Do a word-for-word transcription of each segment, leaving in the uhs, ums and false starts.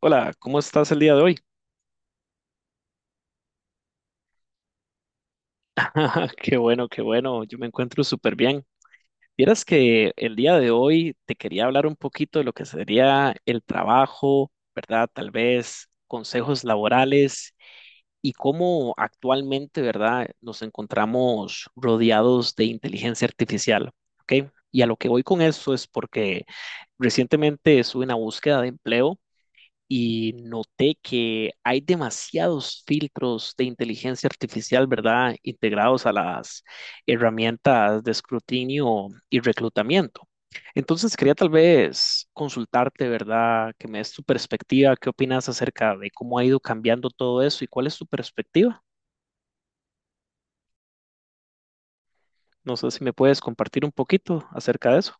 Hola, ¿cómo estás el día de hoy? Qué bueno, qué bueno, yo me encuentro súper bien. Vieras que el día de hoy te quería hablar un poquito de lo que sería el trabajo, ¿verdad? Tal vez consejos laborales y cómo actualmente, ¿verdad? Nos encontramos rodeados de inteligencia artificial, ¿ok? Y a lo que voy con eso es porque recientemente estuve en una búsqueda de empleo y noté que hay demasiados filtros de inteligencia artificial, ¿verdad? Integrados a las herramientas de escrutinio y reclutamiento. Entonces quería tal vez consultarte, ¿verdad? Que me des tu perspectiva, qué opinas acerca de cómo ha ido cambiando todo eso y cuál es tu perspectiva. No sé si me puedes compartir un poquito acerca de eso.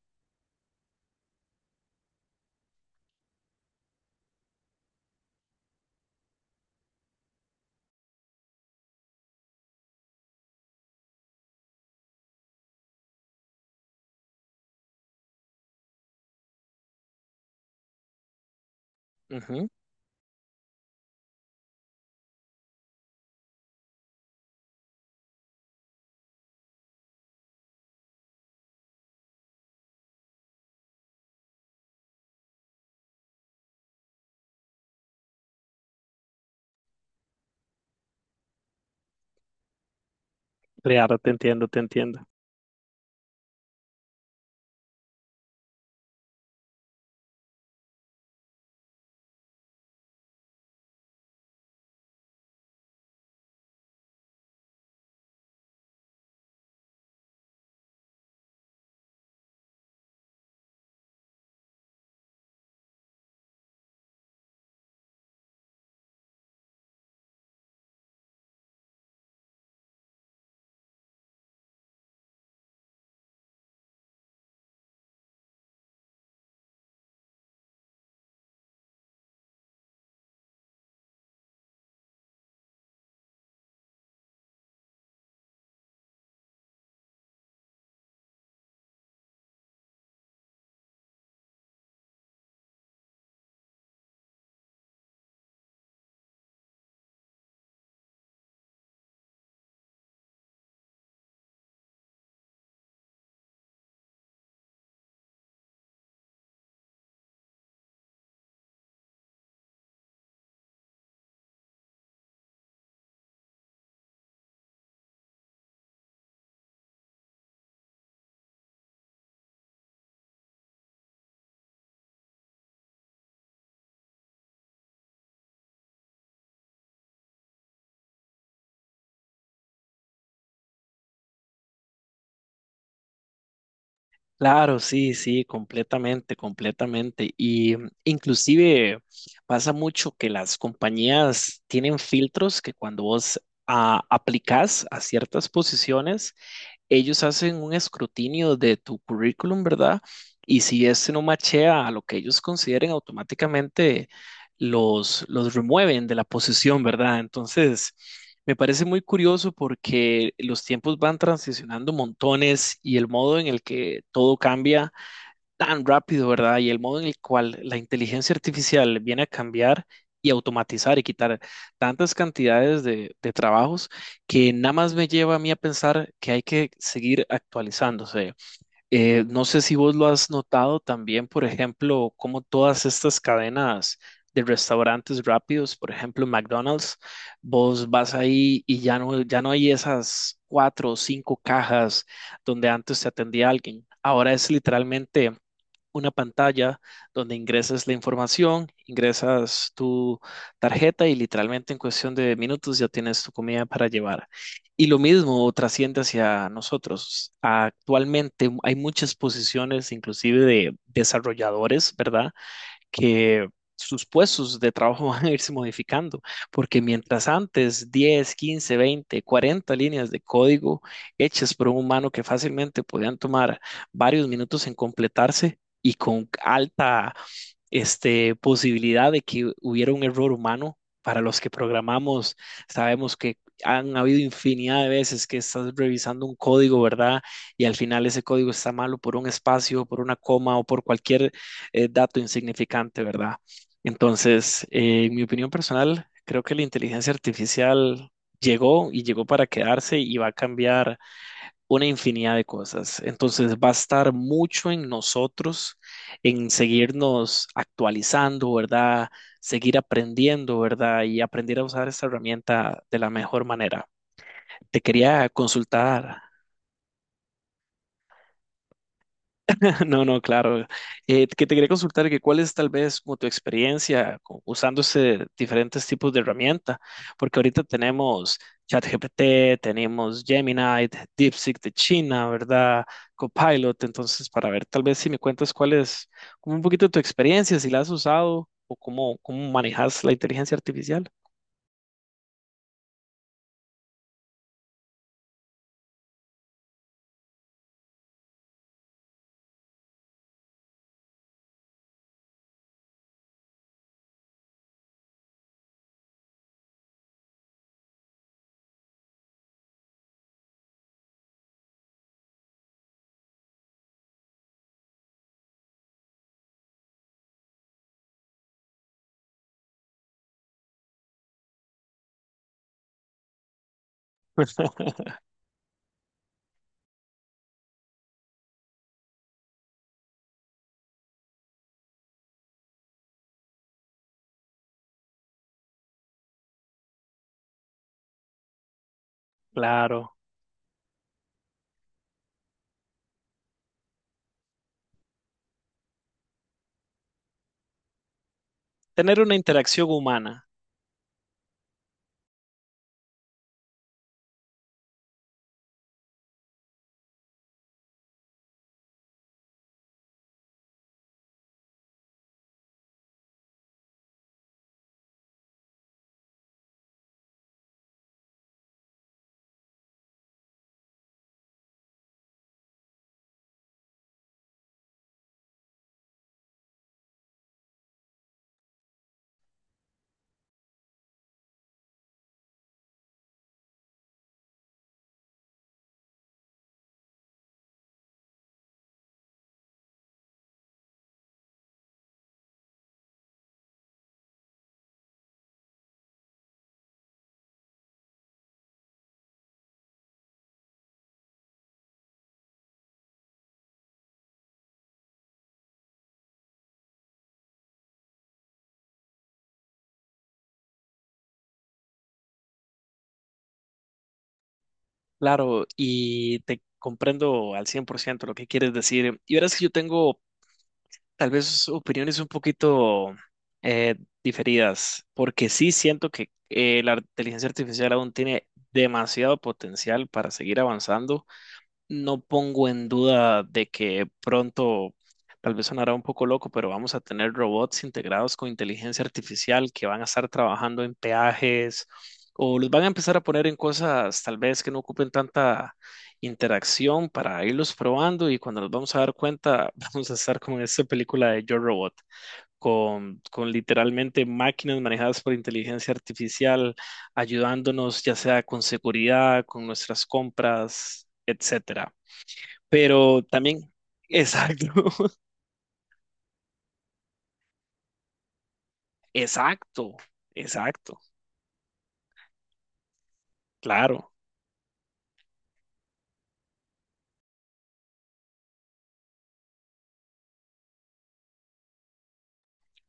Ujú. Claro, te entiendo, te entiendo. Claro, sí, sí, completamente, completamente. Y mm, inclusive pasa mucho que las compañías tienen filtros que cuando vos ah, aplicás a ciertas posiciones, ellos hacen un escrutinio de tu currículum, ¿verdad? Y si este no machea a lo que ellos consideren, automáticamente los, los remueven de la posición, ¿verdad? Entonces, me parece muy curioso porque los tiempos van transicionando montones y el modo en el que todo cambia tan rápido, ¿verdad? Y el modo en el cual la inteligencia artificial viene a cambiar y automatizar y quitar tantas cantidades de, de trabajos que nada más me lleva a mí a pensar que hay que seguir actualizándose. Eh, no sé si vos lo has notado también, por ejemplo, como todas estas cadenas de restaurantes rápidos, por ejemplo, McDonald's. Vos vas ahí y ya no, ya no hay esas cuatro o cinco cajas donde antes te atendía alguien. Ahora es literalmente una pantalla donde ingresas la información, ingresas tu tarjeta y literalmente en cuestión de minutos ya tienes tu comida para llevar. Y lo mismo trasciende hacia nosotros. Actualmente hay muchas posiciones, inclusive de desarrolladores, ¿verdad? Que sus puestos de trabajo van a irse modificando, porque mientras antes diez, quince, veinte, cuarenta líneas de código hechas por un humano que fácilmente podían tomar varios minutos en completarse y con alta, este, posibilidad de que hubiera un error humano. Para los que programamos, sabemos que han habido infinidad de veces que estás revisando un código, ¿verdad? Y al final ese código está malo por un espacio, por una coma o por cualquier eh, dato insignificante, ¿verdad? Entonces, eh, en mi opinión personal, creo que la inteligencia artificial llegó y llegó para quedarse y va a cambiar una infinidad de cosas. Entonces, va a estar mucho en nosotros, en seguirnos actualizando, ¿verdad? Seguir aprendiendo, ¿verdad? Y aprender a usar esta herramienta de la mejor manera. Te quería consultar. No, no, claro. Eh, que te quería consultar que cuál es tal vez como tu experiencia co- usando ese- diferentes tipos de herramienta, porque ahorita tenemos ChatGPT, tenemos Gemini, DeepSeek de China, ¿verdad? Copilot. Entonces para ver tal vez si me cuentas cuál es como un poquito tu experiencia, si la has usado o cómo, cómo manejas la inteligencia artificial. Claro, tener una interacción humana. Claro, y te comprendo al cien por ciento lo que quieres decir. Y verás que yo tengo tal vez opiniones un poquito, eh, diferidas, porque sí siento que eh, la inteligencia artificial aún tiene demasiado potencial para seguir avanzando. No pongo en duda de que pronto, tal vez sonará un poco loco, pero vamos a tener robots integrados con inteligencia artificial que van a estar trabajando en peajes, o los van a empezar a poner en cosas tal vez que no ocupen tanta interacción para irlos probando, y cuando nos vamos a dar cuenta vamos a estar como en esta película de Yo Robot, con, con literalmente máquinas manejadas por inteligencia artificial ayudándonos ya sea con seguridad, con nuestras compras, etcétera. Pero también, exacto. Exacto, exacto, claro,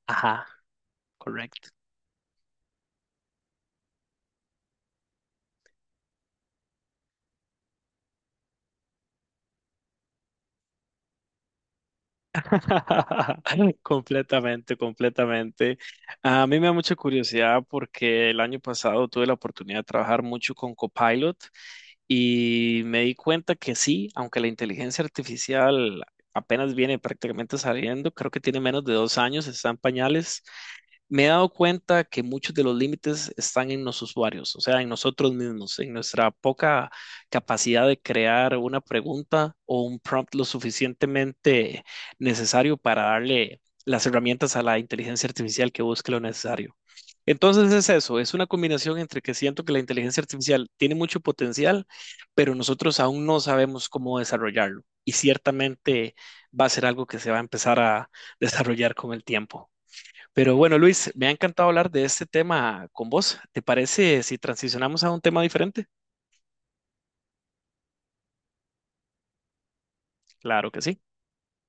ajá, correcto. Completamente, completamente. A mí me da mucha curiosidad porque el año pasado tuve la oportunidad de trabajar mucho con Copilot y me di cuenta que sí, aunque la inteligencia artificial apenas viene prácticamente saliendo, creo que tiene menos de dos años, está en pañales. Me he dado cuenta que muchos de los límites están en los usuarios, o sea, en nosotros mismos, en nuestra poca capacidad de crear una pregunta o un prompt lo suficientemente necesario para darle las herramientas a la inteligencia artificial que busque lo necesario. Entonces es eso, es una combinación entre que siento que la inteligencia artificial tiene mucho potencial, pero nosotros aún no sabemos cómo desarrollarlo, y ciertamente va a ser algo que se va a empezar a desarrollar con el tiempo. Pero bueno, Luis, me ha encantado hablar de este tema con vos. ¿Te parece si transicionamos a un tema diferente? Claro que sí.